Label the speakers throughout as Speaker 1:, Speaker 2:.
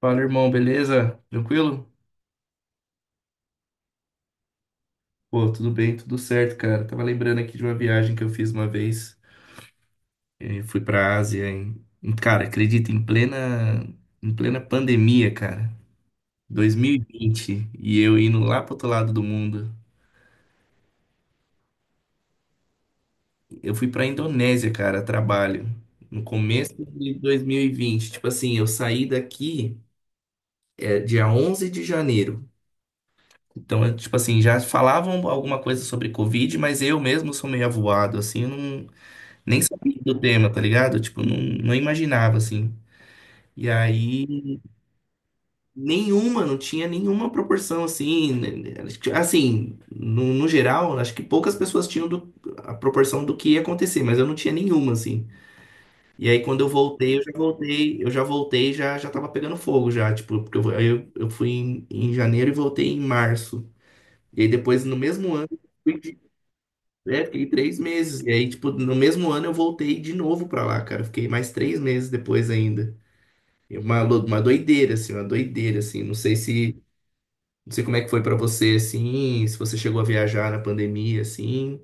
Speaker 1: Fala, irmão, beleza? Tranquilo? Pô, tudo bem, tudo certo, cara. Tava lembrando aqui de uma viagem que eu fiz uma vez. Fui pra Ásia em, cara, acredita, em plena pandemia, cara. 2020, e eu indo lá pro outro lado do mundo. Eu fui pra Indonésia, cara, a trabalho. No começo de 2020. Tipo assim, eu saí daqui dia 11 de janeiro. Então, tipo assim, já falavam alguma coisa sobre Covid, mas eu mesmo sou meio avoado, assim, eu nem sabia do tema, tá ligado? Tipo, não, não imaginava, assim. E aí, nenhuma, não tinha nenhuma proporção, assim. Né, Assim, no geral, acho que poucas pessoas tinham a proporção do que ia acontecer, mas eu não tinha nenhuma, assim. E aí, quando eu voltei, já, já tava pegando fogo, já. Tipo, porque eu fui em, em janeiro e voltei em março. E aí, depois, no mesmo ano, fui de- é, fiquei 3 meses. E aí, tipo, no mesmo ano eu voltei de novo pra lá, cara. Fiquei mais 3 meses depois ainda. E uma doideira, assim, uma doideira, assim. Não sei se, não sei como é que foi pra você, assim, se você chegou a viajar na pandemia, assim.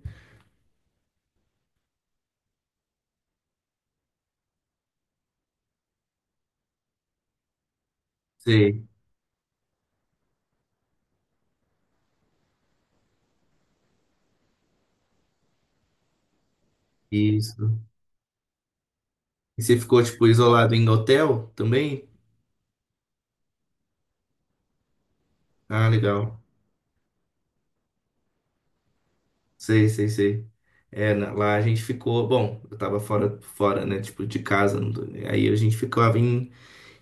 Speaker 1: Sei, isso. E você ficou, tipo, isolado em hotel também? Ah, legal. Sei, sei, sei. É, lá a gente ficou, bom, eu tava fora, né, tipo, de casa. Não tô- Aí a gente ficava em,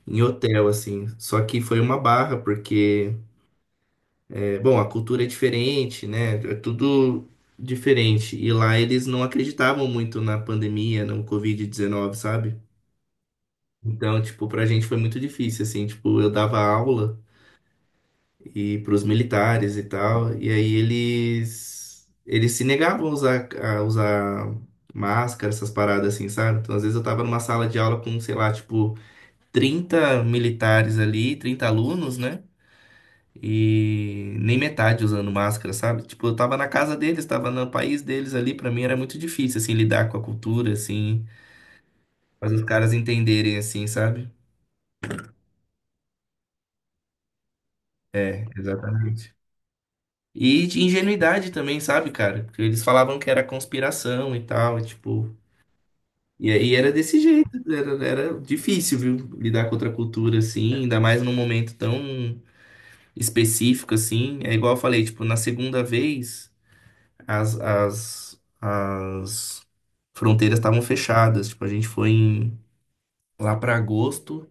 Speaker 1: em hotel, assim. Só que foi uma barra, porque... É, bom, a cultura é diferente, né? É tudo diferente. E lá eles não acreditavam muito na pandemia, no Covid-19, sabe? Então, tipo, pra gente foi muito difícil, assim. Tipo, eu dava aula e pros militares e tal, e aí eles se negavam a usar máscara, essas paradas assim, sabe? Então, às vezes eu tava numa sala de aula com, sei lá, tipo, 30 militares ali, 30 alunos, né? E nem metade usando máscara, sabe? Tipo, eu tava na casa deles, tava no país deles ali, pra mim era muito difícil, assim, lidar com a cultura, assim, fazer os caras entenderem, assim, sabe? É, exatamente. E de ingenuidade também, sabe, cara? Porque eles falavam que era conspiração e tal, e tipo. E aí era desse jeito, era difícil, viu? Lidar com outra cultura, assim, ainda mais num momento tão específico, assim. É igual eu falei, tipo, na segunda vez. As fronteiras estavam fechadas. Tipo, a gente foi em- lá para agosto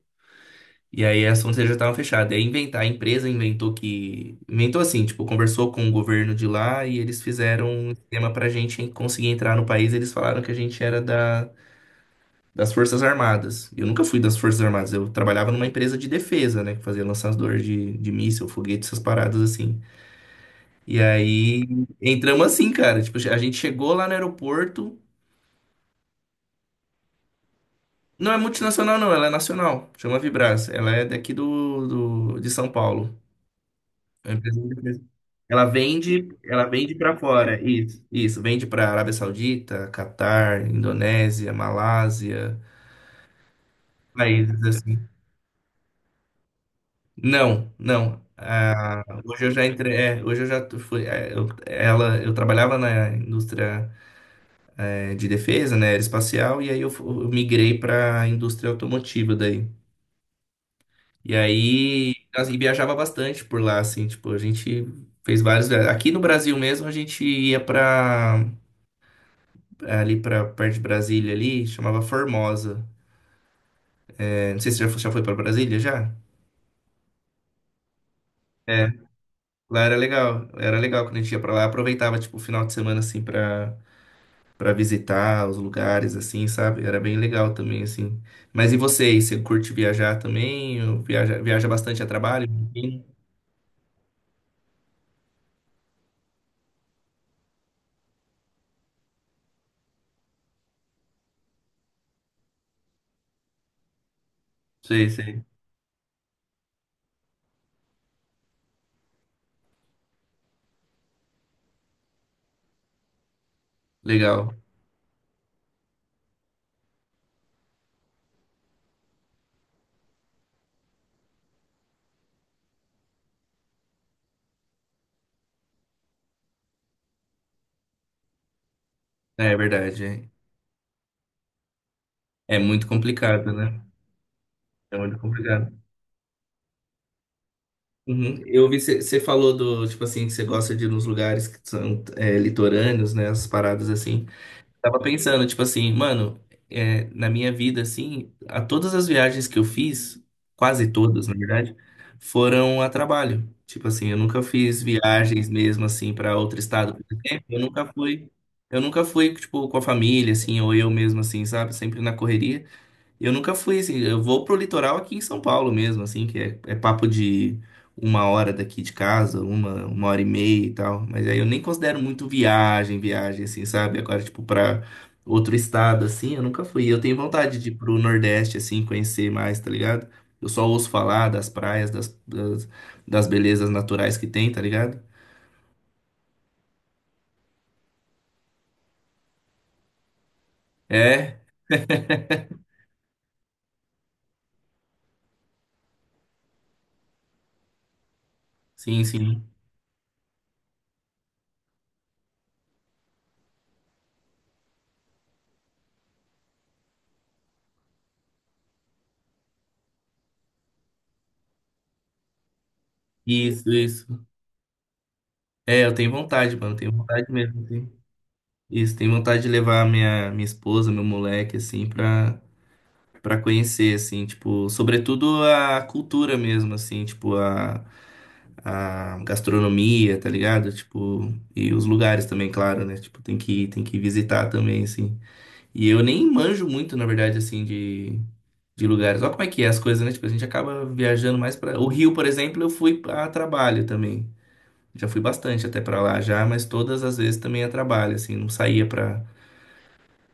Speaker 1: e aí as fronteiras já estavam fechadas. E aí a empresa inventou que. Inventou assim, tipo, conversou com o governo de lá e eles fizeram um esquema pra gente conseguir entrar no país. Eles falaram que a gente era da. Das Forças Armadas. Eu nunca fui das Forças Armadas. Eu trabalhava numa empresa de defesa, né? Que fazia lançador de míssil, foguete, essas paradas assim. E aí entramos assim, cara. Tipo, a gente chegou lá no aeroporto. Não é multinacional, não, ela é nacional. Chama Vibras. Ela é daqui do, de São Paulo. É uma empresa muito grande. Ela vende para fora. Isso, isso. Vende para Arábia Saudita, Catar, Indonésia, Malásia, países assim. Não, não. Ah, hoje eu já entrei. Hoje eu fui. Eu trabalhava na indústria de defesa, né, aeroespacial, e aí eu migrei para a indústria automotiva daí. E aí, assim, viajava bastante por lá, assim, tipo, a gente fez vários. Aqui no Brasil mesmo, a gente ia pra, ali pra perto de Brasília ali, chamava Formosa. É, não sei se você já foi pra Brasília, já? É, lá era legal quando a gente ia pra lá, aproveitava, tipo, o final de semana, assim, pra, pra visitar os lugares, assim, sabe? Era bem legal também, assim. Mas e você aí, você curte viajar também? Ou viaja bastante a trabalho? Sim. Sei, sei. Legal. É, é verdade. É. É muito complicado, né? É muito complicado. Uhum. Eu vi você falou do tipo assim que você gosta de ir nos lugares que são litorâneos, né? As paradas assim. Tava pensando tipo assim, mano, na minha vida assim, a todas as viagens que eu fiz, quase todas na verdade, foram a trabalho. Tipo assim, eu nunca fiz viagens mesmo assim para outro estado, por exemplo. Eu nunca fui tipo com a família assim ou eu mesmo assim, sabe? Sempre na correria. Eu nunca fui assim, eu vou pro litoral aqui em São Paulo mesmo, assim, que é, é papo de uma hora daqui de casa, uma hora e meia e tal. Mas aí eu nem considero muito viagem, assim, sabe? Agora, tipo, pra outro estado, assim, eu nunca fui. Eu tenho vontade de ir pro Nordeste, assim, conhecer mais, tá ligado? Eu só ouço falar das praias, das belezas naturais que tem, tá ligado? É, sim, sim. Isso, isso. É, eu tenho vontade, mano, tenho vontade mesmo, assim. Isso, tenho vontade de levar minha, minha esposa, meu moleque, assim, pra, pra conhecer, assim, tipo, sobretudo a cultura mesmo, assim, tipo, a gastronomia, tá ligado? Tipo, e os lugares também, claro, né? Tipo, tem que visitar também, assim. E eu nem manjo muito, na verdade, assim, de lugares. Olha como é que é as coisas, né? Tipo, a gente acaba viajando mais pra. O Rio, por exemplo, eu fui a trabalho também. Já fui bastante até pra lá já, mas todas as vezes também a trabalho, assim, não saía pra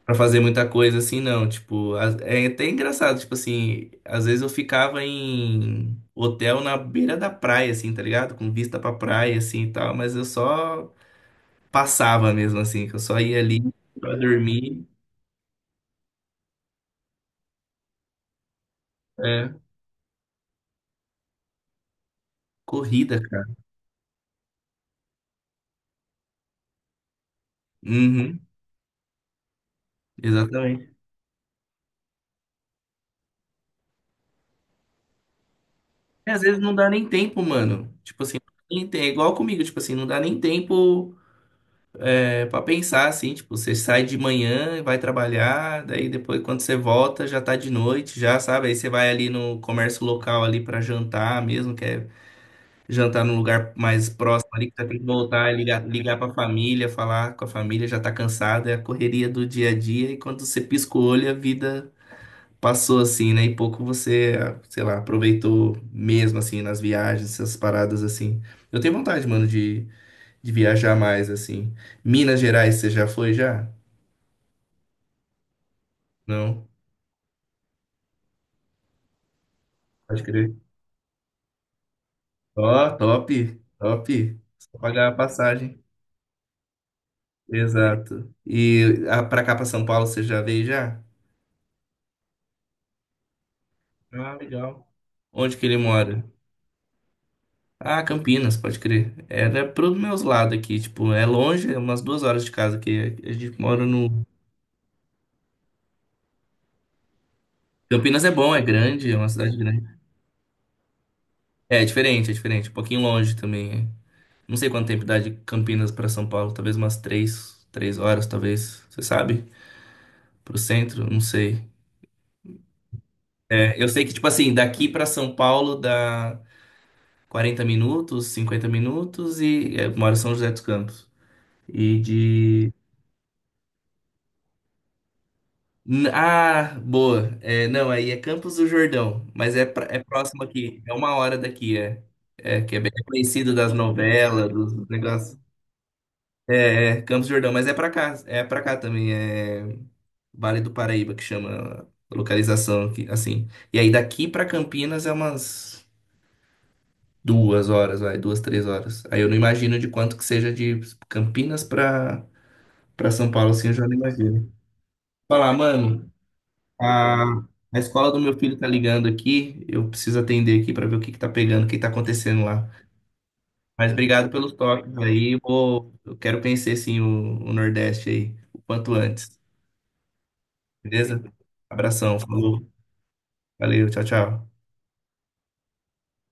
Speaker 1: pra fazer muita coisa assim, não. Tipo, é até engraçado, tipo assim, às vezes eu ficava em hotel na beira da praia, assim, tá ligado? Com vista pra praia, assim e tal, mas eu só passava mesmo, assim, que eu só ia ali pra dormir. É, corrida, cara. Uhum, exatamente. E às vezes não dá nem tempo, mano. Tipo assim, não dá nem tem, é igual comigo, tipo assim, não dá nem tempo. É, para pensar assim, tipo, você sai de manhã e vai trabalhar, daí depois quando você volta já tá de noite, já sabe? Aí você vai ali no comércio local ali para jantar mesmo, que é jantar num lugar mais próximo ali que você tem que voltar, e ligar para família, falar com a família, já tá cansado, é a correria do dia a dia e quando você pisca o olho a vida passou assim, né? E pouco você, sei lá, aproveitou mesmo assim nas viagens, essas paradas assim. Eu tenho vontade, mano, de viajar mais, assim. Minas Gerais, você já foi já? Não? Pode crer. Ó, top, top. Só pagar a passagem. Exato. E a, pra cá, pra São Paulo, você já veio já? Ah, legal. Onde que ele mora? Ah, Campinas, pode crer. Era pros meus lados aqui, tipo, é longe, é umas duas horas de casa aqui. A gente mora no... Campinas é bom, é grande, é uma cidade grande. É, é diferente, é diferente. Um pouquinho longe também. É. Não sei quanto tempo dá de Campinas para São Paulo, talvez umas três horas, talvez. Você sabe? Pro centro, não sei. É, eu sei que, tipo assim, daqui para São Paulo dá 40 minutos, 50 minutos e é, eu moro em São José dos Campos. E de. Ah, boa. É, não, aí é Campos do Jordão, mas é, é próximo aqui, é uma hora daqui, é. É, que é bem conhecido das novelas, dos negócios. É, Campos do Jordão, mas é pra cá também, é. Vale do Paraíba, que chama a localização aqui, assim. E aí daqui pra Campinas é umas duas horas, vai, três horas. Aí eu não imagino de quanto que seja de Campinas pra para São Paulo, assim, eu já não imagino. Falar, mano, a, a escola do meu filho tá ligando aqui, eu preciso atender aqui pra ver o que que tá pegando, o que tá acontecendo lá. Mas obrigado pelos toques aí, eu vou, eu quero conhecer, sim, o Nordeste aí, o quanto antes, beleza? Abração, falou, valeu, tchau, tchau.